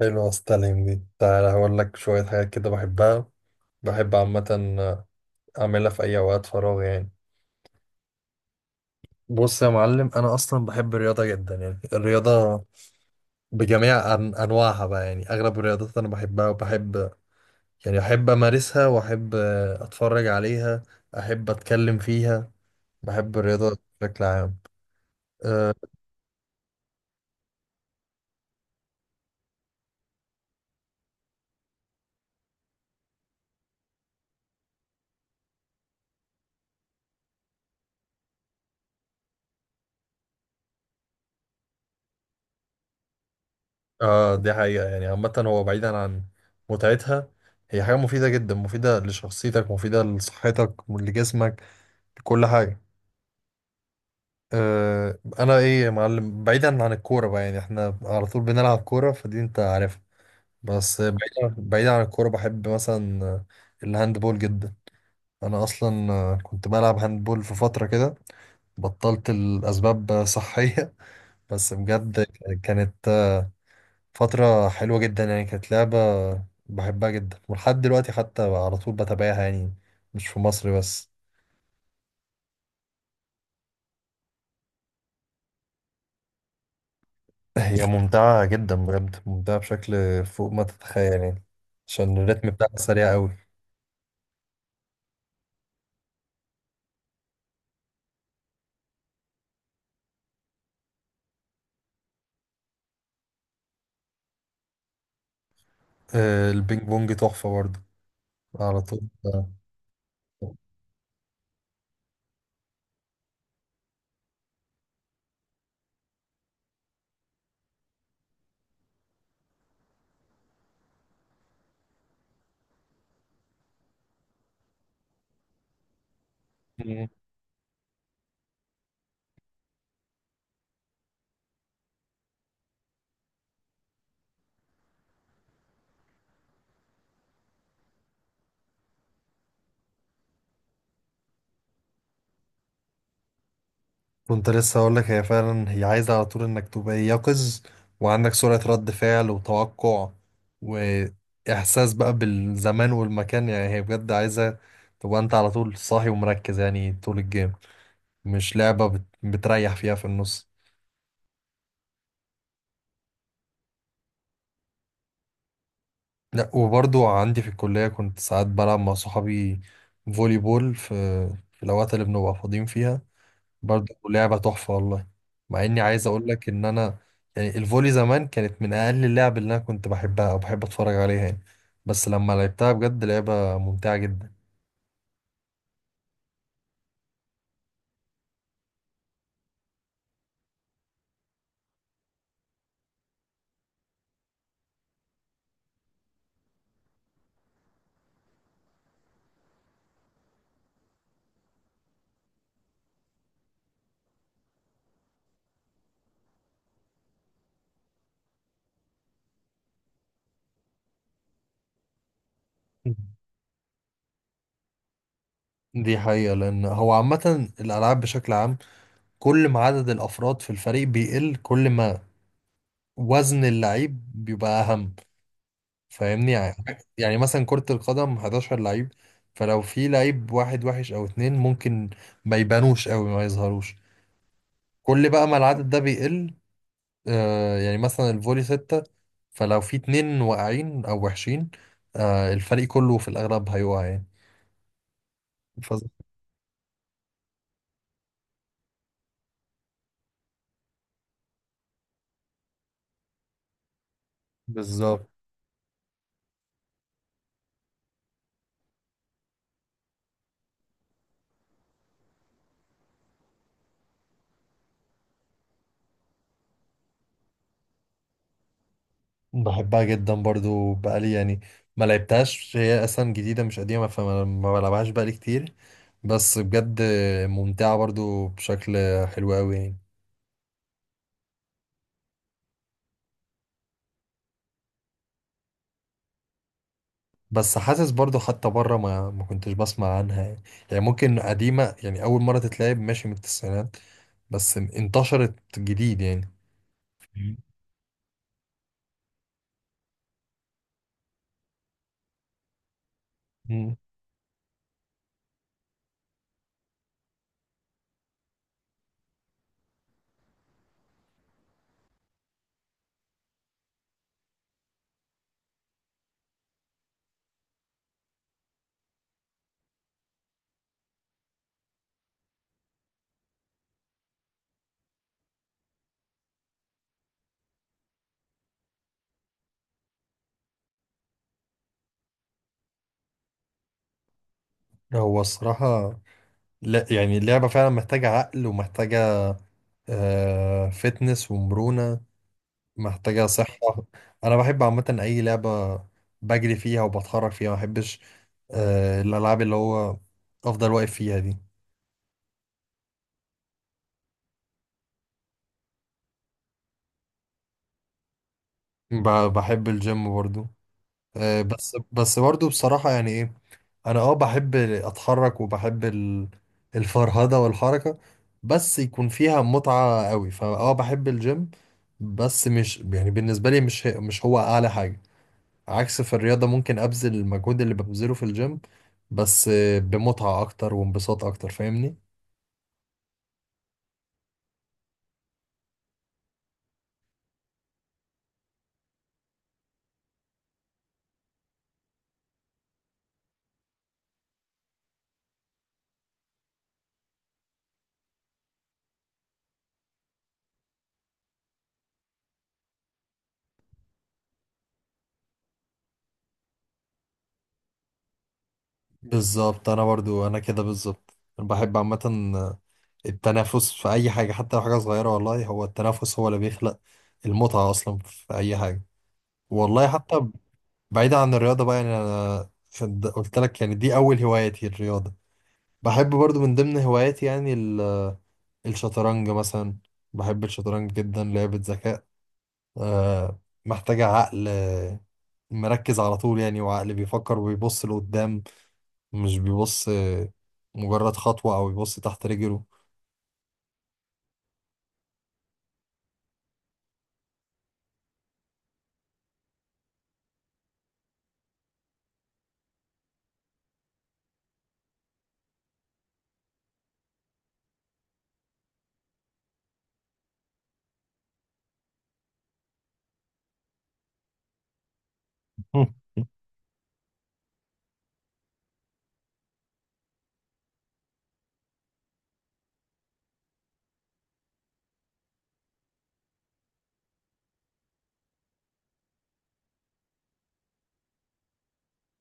حلوة ستالين دي، تعالى هقول لك شوية حاجات كده بحبها. بحب عامة أعملها في أي أوقات فراغ يعني. بص يا معلم، أنا أصلا بحب الرياضة جدا. يعني الرياضة بجميع أنواعها بقى، يعني أغلب الرياضات أنا بحبها وبحب، يعني أحب أمارسها وأحب أتفرج عليها، أحب أتكلم فيها. بحب الرياضة بشكل عام. آه, آه دي حقيقة. يعني عامة هو بعيدا عن متعتها، هي حاجة مفيدة جدا، مفيدة لشخصيتك، مفيدة لصحتك لجسمك، كل حاجة. أه أنا إيه يا معلم، بعيدا عن الكورة بقى، يعني إحنا على طول بنلعب كورة فدي أنت عارفها. بس بعيدا عن الكورة بحب مثلا الهاندبول جدا. أنا أصلا كنت بلعب هاندبول في فترة كده. بطلت الأسباب صحية. بس بجد كانت فترة حلوة جدا. يعني كانت لعبة بحبها جدا، ولحد دلوقتي حتى على طول بتابعها يعني، مش في مصر بس. هي ممتعة جدا، بجد ممتعة بشكل فوق ما تتخيل يعني، عشان الريتم بتاعها سريع قوي. البينج بونج تحفة برضه، على طول آه. مم. كنت لسه هقول لك، هي فعلا هي عايزة على طول انك تبقى يقظ، وعندك سرعة رد فعل وتوقع، وإحساس بقى بالزمان والمكان. يعني هي بجد عايزة تبقى انت على طول صاحي ومركز يعني طول الجيم. مش لعبة بتريح فيها في النص. لا، وبرضو عندي في الكلية كنت ساعات بلعب مع صحابي فولي بول في الأوقات اللي بنبقى فاضيين فيها. برضو لعبة تحفة والله. مع إني عايز أقول لك إن أنا يعني الفولي زمان كانت من أقل اللعب اللي أنا كنت بحبها أو بحب أتفرج عليها يعني، بس لما لعبتها بجد لعبة ممتعة جدا. دي حقيقة، لأن هو عامة الألعاب بشكل عام، كل ما عدد الأفراد في الفريق بيقل، كل ما وزن اللعيب بيبقى أهم، فاهمني يعني. يعني مثلا كرة القدم 11 لعيب، فلو في لعيب واحد وحش او اتنين ممكن ما يبانوش قوي، ما يظهروش. كل بقى ما العدد ده بيقل، آه يعني مثلا الفولي ستة، فلو في اتنين واقعين او وحشين، آه الفريق كله في الاغلب هيقع يعني. فز- بالظبط. بحبها جدا برضو. بقالي يعني ما لعبتهاش، هي اصلا جديدة مش قديمة، فما ما بلعبهاش بقالي كتير. بس بجد ممتعة برضو بشكل حلو قوي يعني. بس حاسس برضو حتى بره ما كنتش بسمع عنها يعني. يعني ممكن قديمة، يعني أول مرة تتلعب ماشي من التسعينات، بس انتشرت جديد يعني. مم. مم. هو الصراحة، لا يعني اللعبة فعلا محتاجة عقل، ومحتاجة آه فتنس ومرونة، محتاجة صحة. أنا بحب عامة أي لعبة بجري فيها وبتحرك فيها، ما بحبش آه الألعاب اللي هو أفضل واقف فيها دي. بحب الجيم برضو آه. بس برضو بصراحة يعني انا اه بحب اتحرك وبحب الفرهده والحركه، بس يكون فيها متعه قوي. فاه بحب الجيم، بس مش يعني بالنسبه لي مش مش هو اعلى حاجه. عكس في الرياضه ممكن ابذل المجهود اللي ببذله في الجيم، بس بمتعه اكتر وانبساط اكتر، فاهمني. بالظبط. انا كده بالظبط أنا بحب عامه التنافس في اي حاجه، حتى لو حاجه صغيره. والله هو التنافس هو اللي بيخلق المتعه اصلا في اي حاجه، والله. حتى بعيدا عن الرياضة بقى، يعني أنا قلت لك يعني دي أول هواياتي الرياضة. بحب برضو من ضمن هواياتي يعني الشطرنج مثلا. بحب الشطرنج جدا، لعبة ذكاء، آه، محتاجة عقل، مركز على طول يعني، وعقل بيفكر وبيبص لقدام، مش بيبص مجرد خطوة أو بيبص تحت رجله.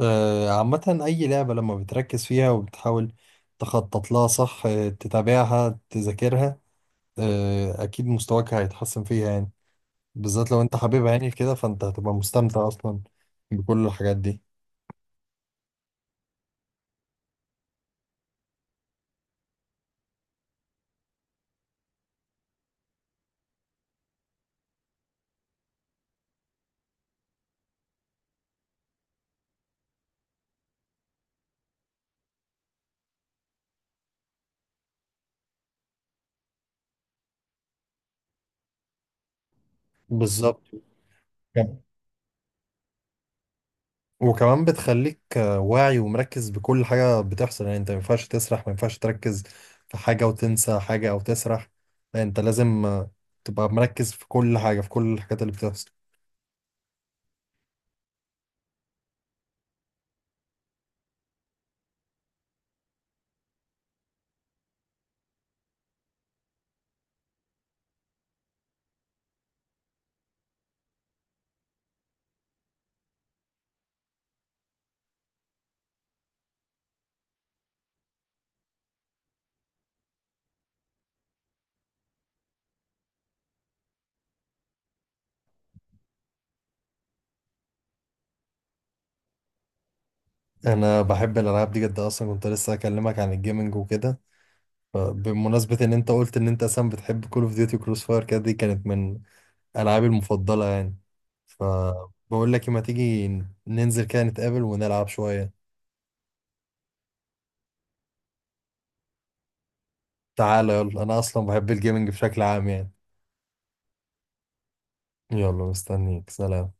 عامة أي لعبة لما بتركز فيها وبتحاول تخطط لها صح، تتابعها تذاكرها، أكيد مستواك هيتحسن فيها يعني. بالذات لو انت حبيب عيني كده، فانت هتبقى مستمتع اصلا بكل الحاجات دي. بالظبط. كم- وكمان بتخليك واعي ومركز بكل حاجة بتحصل. يعني انت ما ينفعش تسرح، ما ينفعش تركز في حاجة وتنسى حاجة او تسرح. لا، انت لازم تبقى مركز في كل حاجة، في كل الحاجات اللي بتحصل. انا بحب الالعاب دي جدا، اصلا كنت لسه اكلمك عن الجيمنج وكده. فبمناسبة ان انت قلت ان انت اصلا بتحب كول اوف ديوتي وكروس فاير كده، دي كانت من ألعابي المفضلة يعني. فبقول لك ما تيجي ننزل كده نتقابل ونلعب شوية. تعالى يلا، أنا أصلا بحب الجيمنج بشكل عام يعني. يلا مستنيك، سلام.